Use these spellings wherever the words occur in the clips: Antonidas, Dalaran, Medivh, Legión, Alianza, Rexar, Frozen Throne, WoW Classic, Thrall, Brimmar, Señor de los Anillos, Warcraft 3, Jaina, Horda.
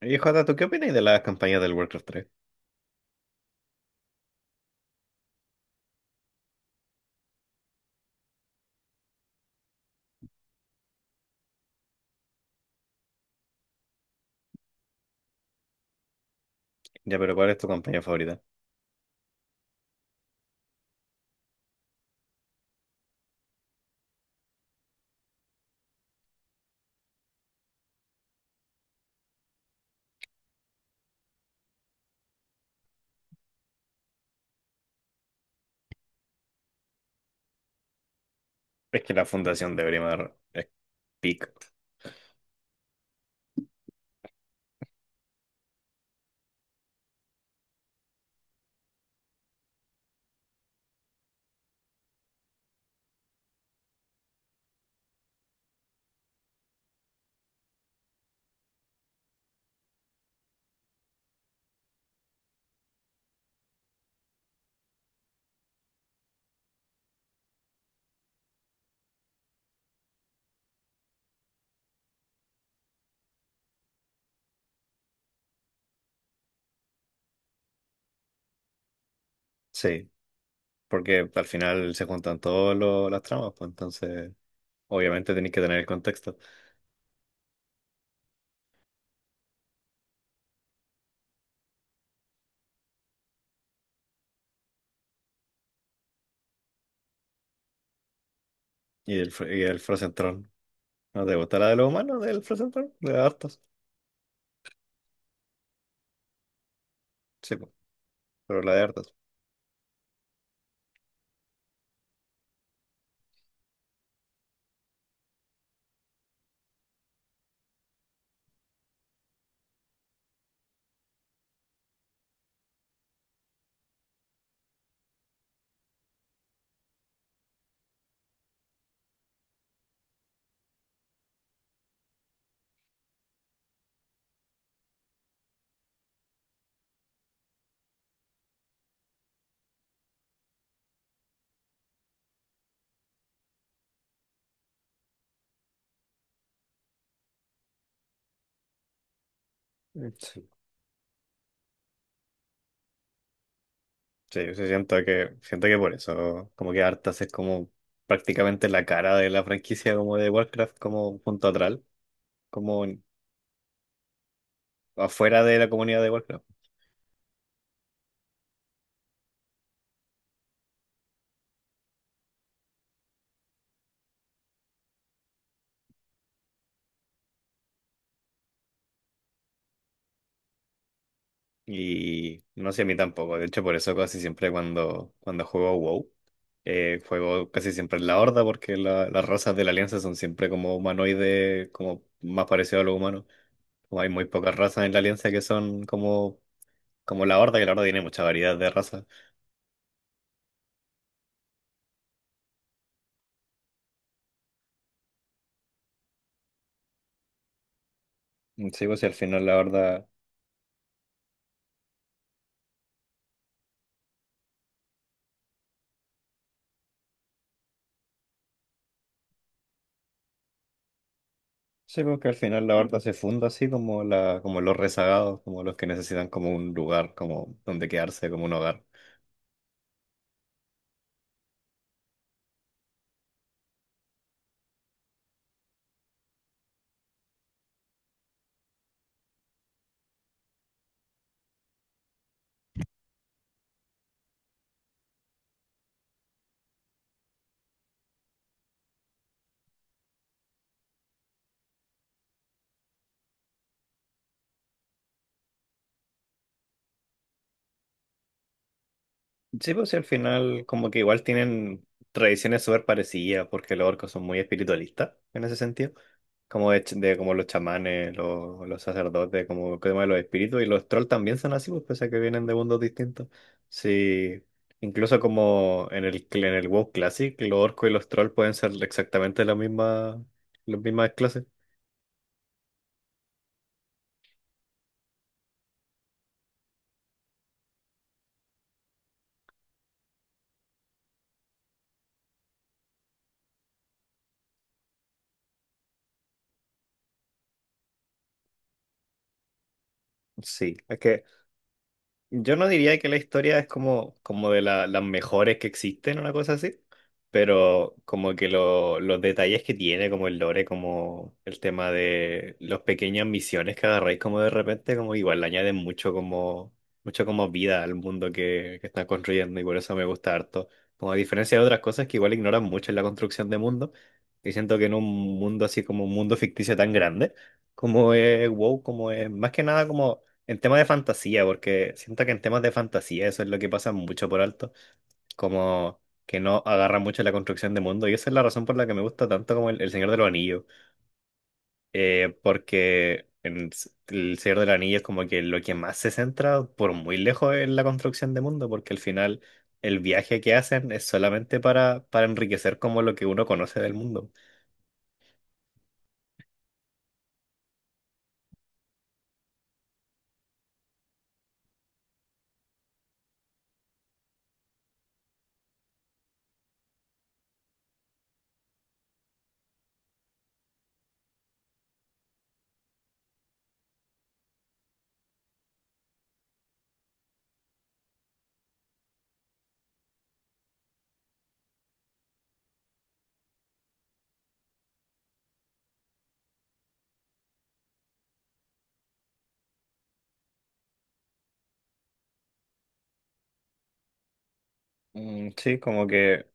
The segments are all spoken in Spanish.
Y Jota, ¿tú qué opinas de las campañas del Warcraft 3? Ya, pero ¿cuál es tu campaña favorita? Es que la fundación de Brimmar es pick. Sí, porque al final se juntan todas las tramas, pues entonces obviamente tenéis que tener el contexto. Y el, y el Frozen Throne. ¿No te gusta la de los humanos del Frozen Throne? De hartos. Sí, pues, pero la de hartos. Sí, sí, yo sí siento que por eso, como que hartas es como prácticamente la cara de la franquicia como de Warcraft, como punto atrás, como afuera de la comunidad de Warcraft. Y no sé, a mí tampoco. De hecho, por eso casi siempre cuando juego WoW, juego casi siempre en la Horda, porque las razas de la Alianza son siempre como humanoides, como más parecido a lo humano. Como hay muy pocas razas en la Alianza que son como, como la Horda, que la Horda tiene mucha variedad de razas. Sí, pues y al final la Horda, sí, pues que al final la Horda se funda así como la, como los rezagados, como los que necesitan como un lugar, como donde quedarse, como un hogar. Sí, pues sí, al final como que igual tienen tradiciones súper parecidas porque los orcos son muy espiritualistas en ese sentido, como de, de como los chamanes, los sacerdotes, como el tema de los espíritus y los trolls también son así, pues pese a que vienen de mundos distintos. Sí, incluso como en el, en el WoW Classic, los orcos y los trolls pueden ser exactamente la misma, las mismas clases. Sí, es que yo no diría que la historia es como, como de las mejores que existen, una cosa así, pero como que los detalles que tiene, como el lore, como el tema de las pequeñas misiones que agarráis como de repente, como igual le añaden mucho como vida al mundo que están construyendo y por eso me gusta harto. Como a diferencia de otras cosas que igual ignoran mucho en la construcción de mundo, y siento que en un mundo así como un mundo ficticio tan grande, como es WoW, como es más que nada como en temas de fantasía, porque siento que en temas de fantasía eso es lo que pasa mucho por alto, como que no agarra mucho la construcción de mundo, y esa es la razón por la que me gusta tanto como el Señor de los Anillos, porque en el Señor de los Anillos como que lo que más se centra por muy lejos es la construcción de mundo, porque al final el viaje que hacen es solamente para enriquecer como lo que uno conoce del mundo. Sí, como que,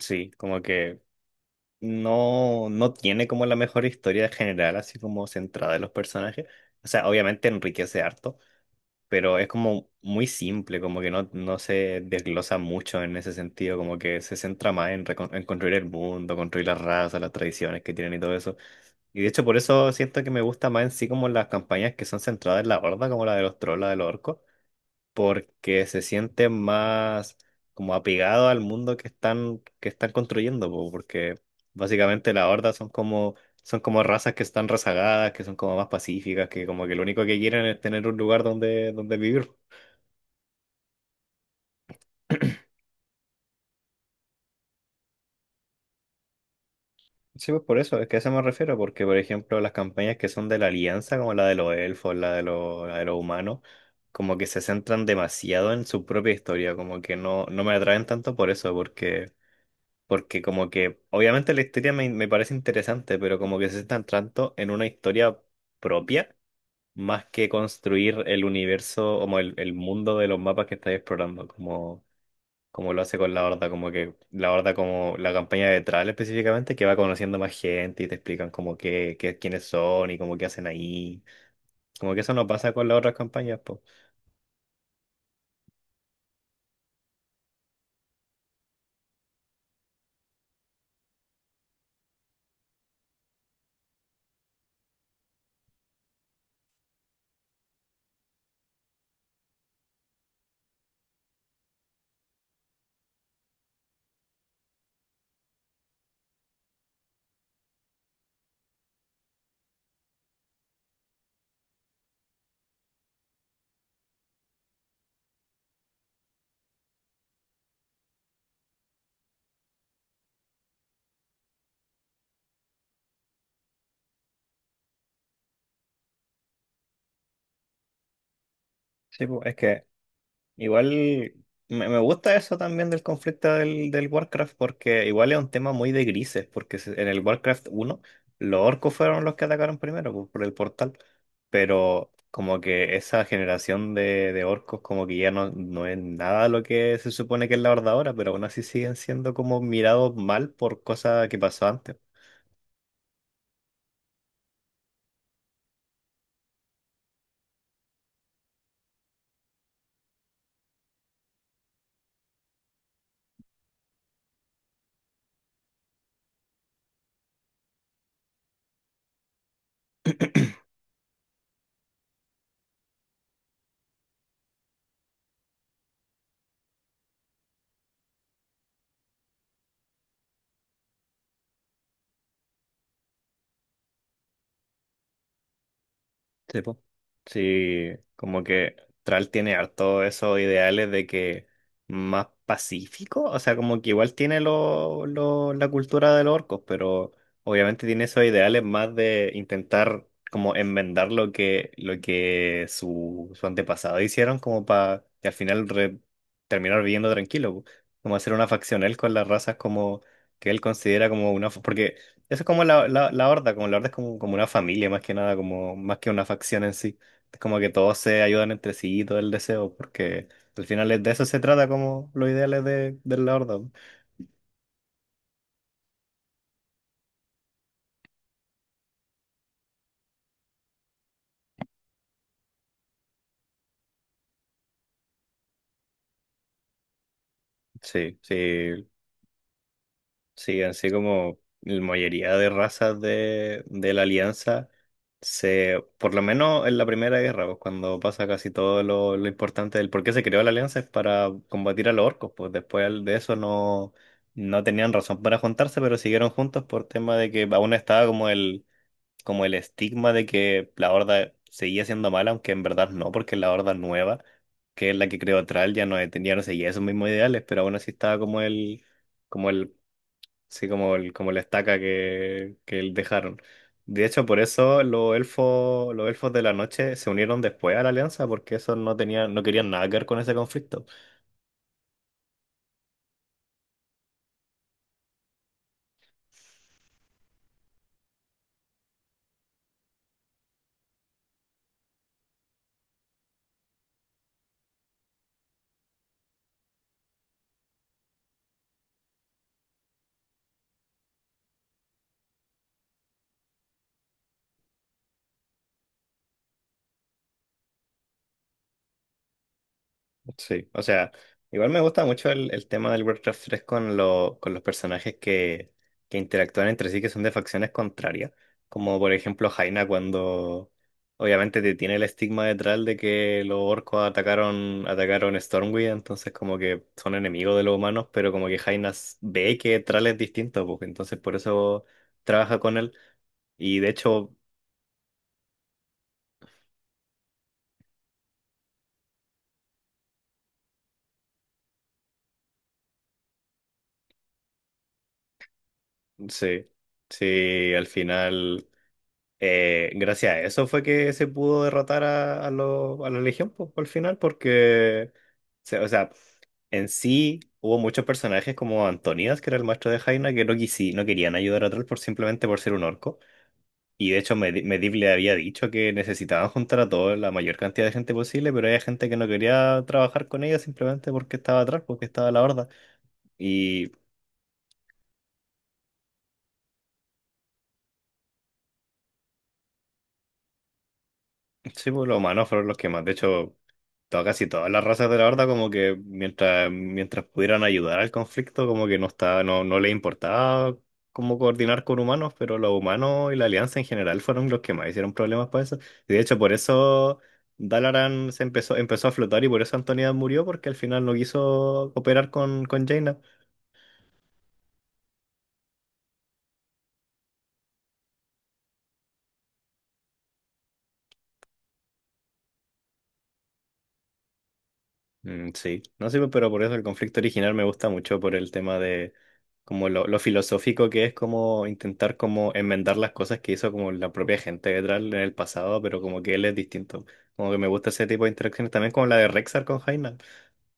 sí, como que no, no tiene como la mejor historia general, así como centrada en los personajes. O sea, obviamente enriquece harto, pero es como muy simple, como que no, no se desglosa mucho en ese sentido, como que se centra más en, en construir el mundo, construir las razas, las tradiciones que tienen y todo eso. Y de hecho por eso siento que me gusta más en sí como las campañas que son centradas en la horda, como la de los trolls, la de los orcos porque se sienten más como apegados al mundo que están construyendo, po, porque básicamente las hordas son como razas que están rezagadas, que son como más pacíficas, que como que lo único que quieren es tener un lugar donde, donde vivir. Sí, pues por eso, es que a eso me refiero, porque por ejemplo las campañas que son de la Alianza, como la de los elfos, la de los humanos, como que se centran demasiado en su propia historia, como que no, no me atraen tanto por eso, porque porque como que, obviamente la historia me, me parece interesante, pero como que se están tanto en una historia propia, más que construir el universo, como el mundo de los mapas que estáis explorando, como, como lo hace con la Horda, como que la Horda, como la campaña de Thrall específicamente, que va conociendo más gente y te explican como que, quiénes son y como qué hacen ahí. Como que eso no pasa con las otras campañas, pues. Sí, pues, es que igual me, me gusta eso también del conflicto del, del Warcraft, porque igual es un tema muy de grises, porque en el Warcraft uno los orcos fueron los que atacaron primero por el portal, pero como que esa generación de orcos como que ya no, no es nada lo que se supone que es la Horda ahora, pero aún así siguen siendo como mirados mal por cosas que pasó antes. Sí, po. Sí, como que Tral tiene harto esos ideales de que más pacífico, o sea, como que igual tiene lo, la cultura de los orcos, pero obviamente tiene esos ideales más de intentar como enmendar lo que su antepasado hicieron, como para que al final terminar viviendo tranquilo, po. Como hacer una facción él con las razas como que él considera como una... Porque eso es como la horda, como la horda es como, como una familia más que nada, como más que una facción en sí. Es como que todos se ayudan entre sí y todo el deseo, porque al final de eso se trata como los ideales de la horda, ¿no? Sí. Sí, así como la mayoría de razas de la Alianza, se, por lo menos en la Primera Guerra, pues cuando pasa casi todo lo importante del por qué se creó la Alianza es para combatir a los orcos, pues después de eso no, no tenían razón para juntarse, pero siguieron juntos por tema de que aún estaba como el estigma de que la Horda seguía siendo mala, aunque en verdad no, porque la Horda nueva, que es la que creó Thrall, ya no, tenía, no seguía esos mismos ideales, pero aún así estaba como el sí, como, el, como la estaca que dejaron. De hecho, por eso los elfos de la noche se unieron después a la alianza, porque esos no tenían, no querían nada que ver con ese conflicto. Sí, o sea, igual me gusta mucho el tema del Warcraft 3 con, con los personajes que interactúan entre sí, que son de facciones contrarias, como por ejemplo Jaina cuando obviamente te tiene el estigma detrás de que los orcos atacaron, atacaron Stormwind, entonces como que son enemigos de los humanos, pero como que Jaina ve que Thrall es distinto, pues, entonces por eso trabaja con él y de hecho, sí, sí, al final gracias a eso fue que se pudo derrotar a, a la Legión po, al final, porque, o sea, en sí hubo muchos personajes como Antonidas, que era el maestro de Jaina, que no, no querían ayudar a Troll por simplemente por ser un orco. Y de hecho, Medivh le había dicho que necesitaban juntar a toda la mayor cantidad de gente posible, pero había gente que no quería trabajar con ella simplemente porque estaba atrás, porque estaba la horda. Sí, pues los humanos fueron los que más. De hecho, casi todas las razas de la Horda, como que mientras, mientras pudieran ayudar al conflicto, como que no estaba, no, no les importaba cómo coordinar con humanos, pero los humanos y la Alianza en general fueron los que más hicieron problemas para eso. Y de hecho, por eso Dalaran se empezó, empezó a flotar y por eso Antonida murió, porque al final no quiso cooperar con Jaina. Sí, no sé, pero por eso el conflicto original me gusta mucho por el tema de como lo filosófico que es como intentar como enmendar las cosas que hizo como la propia gente de Tral en el pasado, pero como que él es distinto. Como que me gusta ese tipo de interacciones también como la de Rexar con Jaina,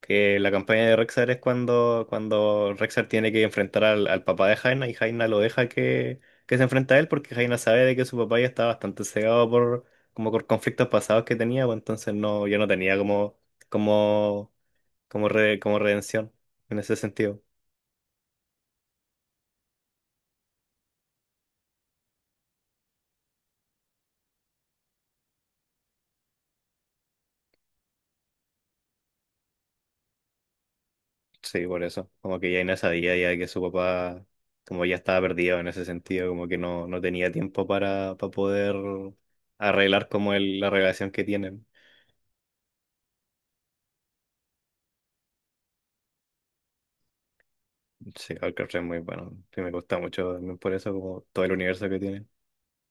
que la campaña de Rexar es cuando, cuando Rexar tiene que enfrentar al, al papá de Jaina y Jaina lo deja que se enfrenta a él porque Jaina sabe de que su papá ya está bastante cegado por como por conflictos pasados que tenía, pues entonces no, ya no tenía como como como, como redención en ese sentido. Sí, por eso. Como que ya Inés sabía ya que su papá, como ya estaba perdido en ese sentido, como que no, no tenía tiempo para poder arreglar como el, la relación que tienen. Sí, Alcatraz es muy bueno. Sí, me gusta mucho también por eso, como todo el universo que tiene.